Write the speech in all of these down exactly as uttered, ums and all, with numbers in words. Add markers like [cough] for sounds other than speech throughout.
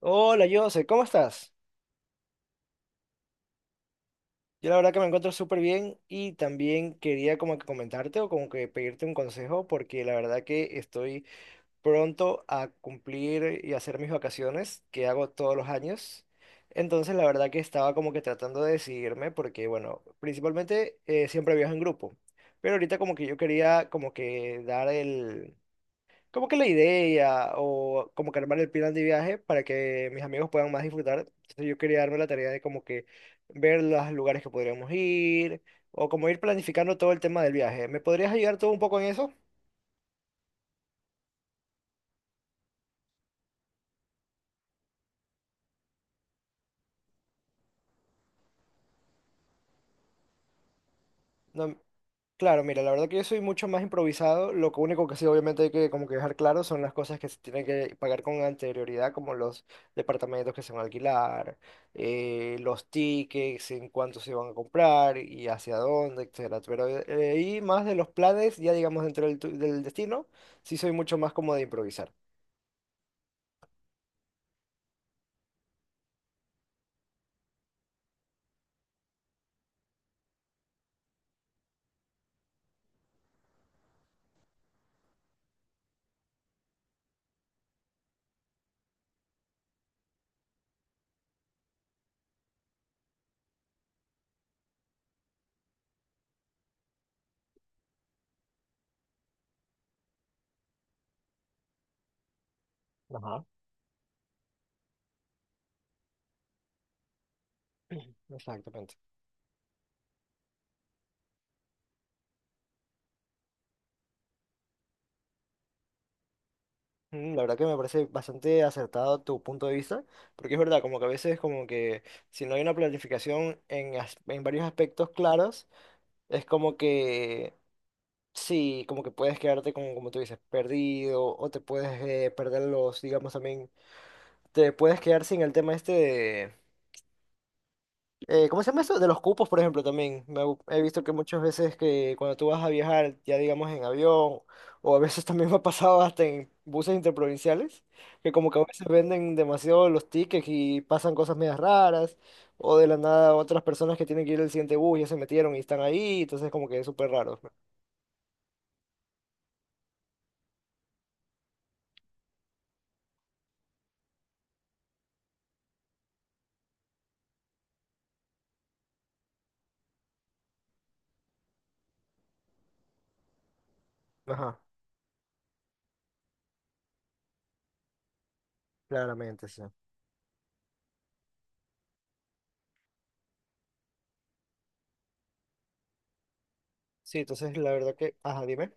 Hola, Jose, ¿cómo estás? Yo la verdad que me encuentro súper bien y también quería como que comentarte o como que pedirte un consejo porque la verdad que estoy pronto a cumplir y hacer mis vacaciones que hago todos los años. Entonces la verdad que estaba como que tratando de decidirme porque bueno, principalmente eh, siempre viajo en grupo, pero ahorita como que yo quería como que dar el como que la idea o como que armar el plan de viaje para que mis amigos puedan más disfrutar. Entonces yo quería darme la tarea de como que ver los lugares que podríamos ir o como ir planificando todo el tema del viaje. ¿Me podrías ayudar tú un poco en eso? No- Claro, mira, la verdad que yo soy mucho más improvisado. Lo que único que sí, obviamente, hay que como que dejar claro son las cosas que se tienen que pagar con anterioridad, como los departamentos que se van a alquilar, eh, los tickets, en cuánto se van a comprar y hacia dónde, etcétera. Pero eh, ahí más de los planes, ya digamos dentro del, tu- del destino, sí soy mucho más como de improvisar. Ajá. [clears throat] Exactamente. Mm, La verdad que me parece bastante acertado tu punto de vista, porque es verdad, como que a veces como que si no hay una planificación en, as- en varios aspectos claros, es como que sí, como que puedes quedarte como, como tú dices, perdido, o te puedes eh, perder los, digamos también, te puedes quedar sin el tema este eh, ¿cómo se llama eso? De los cupos, por ejemplo, también. Me gu- he visto que muchas veces que cuando tú vas a viajar, ya digamos en avión, o a veces [laughs] también me ha pasado hasta en buses interprovinciales, que como que a veces venden demasiado los tickets y pasan cosas medias raras, o de la nada otras personas que tienen que ir al siguiente bus ya se metieron y están ahí, entonces como que es súper raro. Ajá, claramente, sí. Sí, entonces la verdad que, ajá, dime.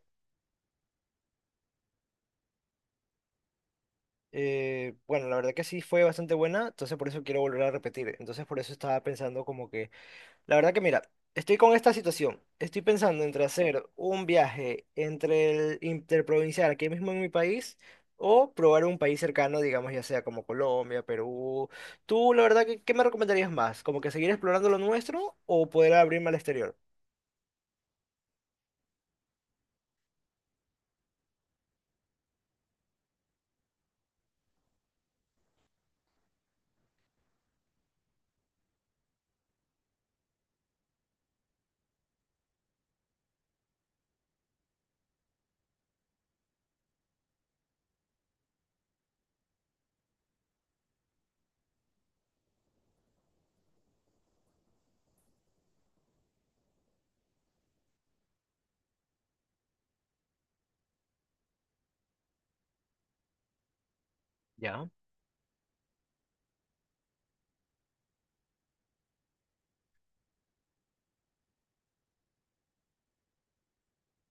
Eh, bueno, la verdad que sí fue bastante buena, entonces por eso quiero volver a repetir. Entonces por eso estaba pensando como que... La verdad que mira, estoy con esta situación. Estoy pensando entre hacer un viaje entre el interprovincial aquí mismo en mi país o probar un país cercano, digamos, ya sea como Colombia, Perú. Tú, la verdad, que, ¿qué me recomendarías más? ¿Como que seguir explorando lo nuestro o poder abrirme al exterior? Ya.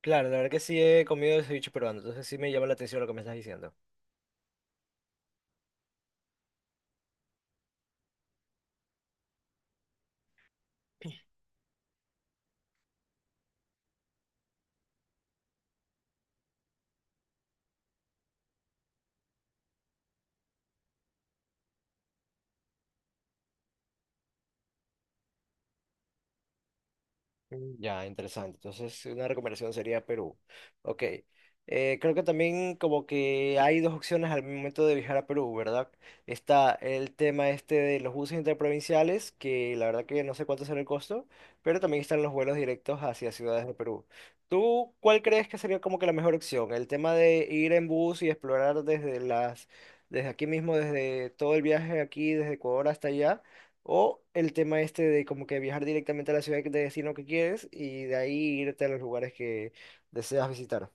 Claro, la verdad que sí he comido ceviche peruano, entonces sí me llama la atención lo que me estás diciendo. Mm, Ya, interesante. Entonces, una recomendación sería Perú. Ok. Eh, creo que también como que hay dos opciones al momento de viajar a Perú, ¿verdad? Está el tema este de los buses interprovinciales, que la verdad que no sé cuánto será el costo, pero también están los vuelos directos hacia ciudades de Perú. ¿Tú cuál crees que sería como que la mejor opción? ¿El tema de ir en bus y explorar desde las, desde aquí mismo, desde todo el viaje aquí, desde Ecuador hasta allá? O el tema este de como que viajar directamente a la ciudad de destino que quieres y de ahí irte a los lugares que deseas visitar.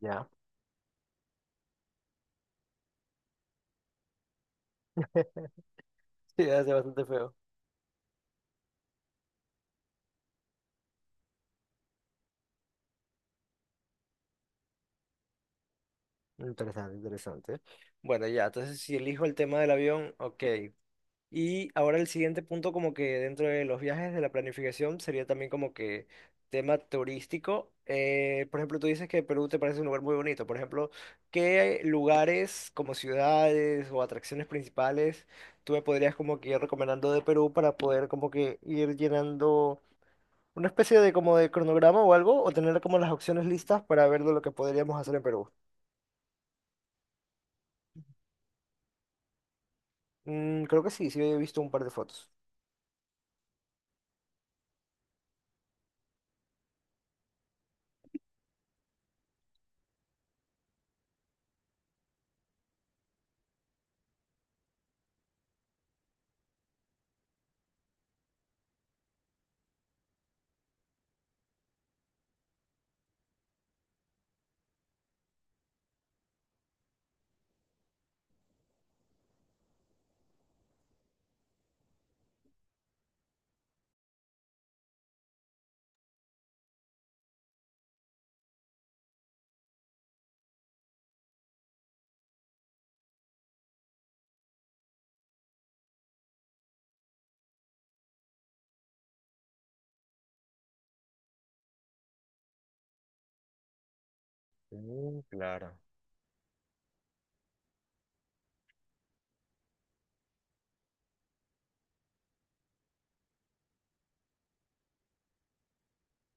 Ya. [laughs] Sí, hace bastante feo. Interesante, interesante. Bueno, ya, entonces si elijo el tema del avión, ok. Y ahora el siguiente punto, como que dentro de los viajes, de la planificación, sería también como que tema turístico. Eh, por ejemplo, tú dices que Perú te parece un lugar muy bonito. Por ejemplo, ¿qué lugares como ciudades o atracciones principales tú me podrías como que ir recomendando de Perú para poder como que ir llenando una especie de como de cronograma o algo, o tener como las opciones listas para ver de lo que podríamos hacer en Perú? Mm, creo que sí, sí he visto un par de fotos. Mm, claro.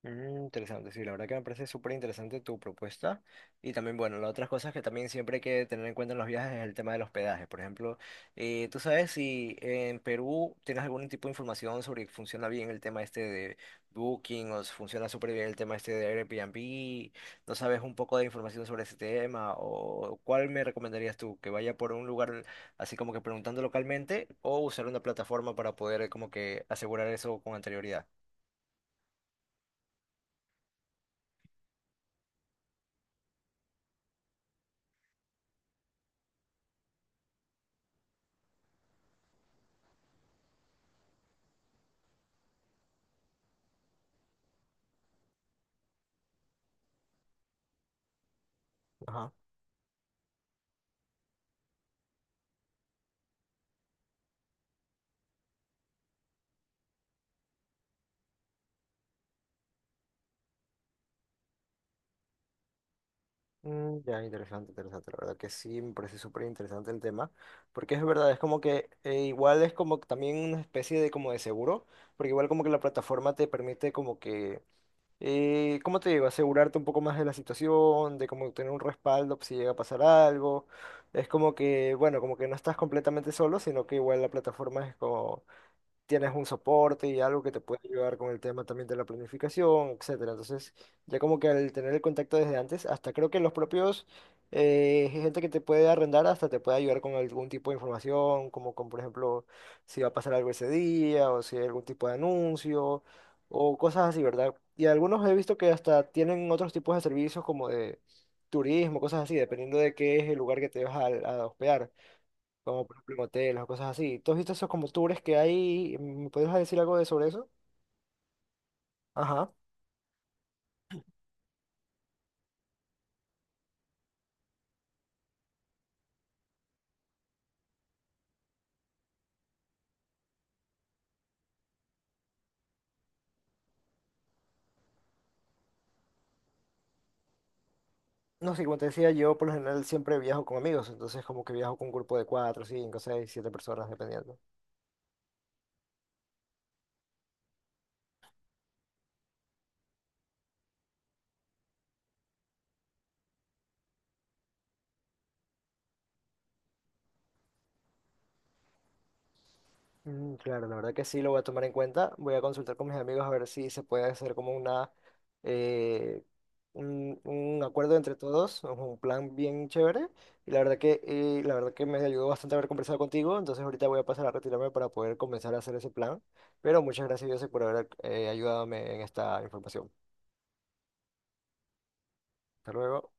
Mm, interesante, sí, la verdad que me parece súper interesante tu propuesta. Y también, bueno, las otras cosas que también siempre hay que tener en cuenta en los viajes es el tema del hospedaje. Por ejemplo, eh, ¿tú sabes si en Perú tienes algún tipo de información sobre que funciona bien el tema este de Booking o si funciona súper bien el tema este de Airbnb? ¿No sabes un poco de información sobre ese tema? ¿O cuál me recomendarías tú? ¿Que vaya por un lugar así como que preguntando localmente o usar una plataforma para poder eh, como que asegurar eso con anterioridad? Mm, Ya, interesante, interesante. La verdad que sí, me parece súper interesante el tema, porque es verdad, es como que eh, igual es como que también una especie de como de seguro, porque igual como que la plataforma te permite como que, eh, ¿cómo te digo? Asegurarte un poco más de la situación, de como tener un respaldo si llega a pasar algo. Es como que, bueno, como que no estás completamente solo, sino que igual la plataforma es como, tienes un soporte y algo que te puede ayudar con el tema también de la planificación, etcétera. Entonces, ya como que al tener el contacto desde antes, hasta creo que los propios eh, gente que te puede arrendar hasta te puede ayudar con algún tipo de información, como con, por ejemplo, si va a pasar algo ese día o si hay algún tipo de anuncio o cosas así, ¿verdad? Y algunos he visto que hasta tienen otros tipos de servicios como de turismo, cosas así, dependiendo de qué es el lugar que te vas a a hospedar como por ejemplo en hoteles o cosas así. ¿Tú has visto esos como tours que hay? ¿Me puedes decir algo de sobre eso? Ajá. No sé, como te decía, yo por lo general siempre viajo con amigos, entonces como que viajo con un grupo de cuatro, cinco, seis, siete personas, dependiendo. Mm, Claro, la verdad que sí, lo voy a tomar en cuenta. Voy a consultar con mis amigos a ver si se puede hacer como una, eh, un, un acuerdo entre todos, o un plan bien chévere. Y la verdad que, eh, la verdad que me ayudó bastante haber conversado contigo. Entonces ahorita voy a pasar a retirarme para poder comenzar a hacer ese plan. Pero muchas gracias, José, por haber eh, ayudado en esta información. Hasta luego.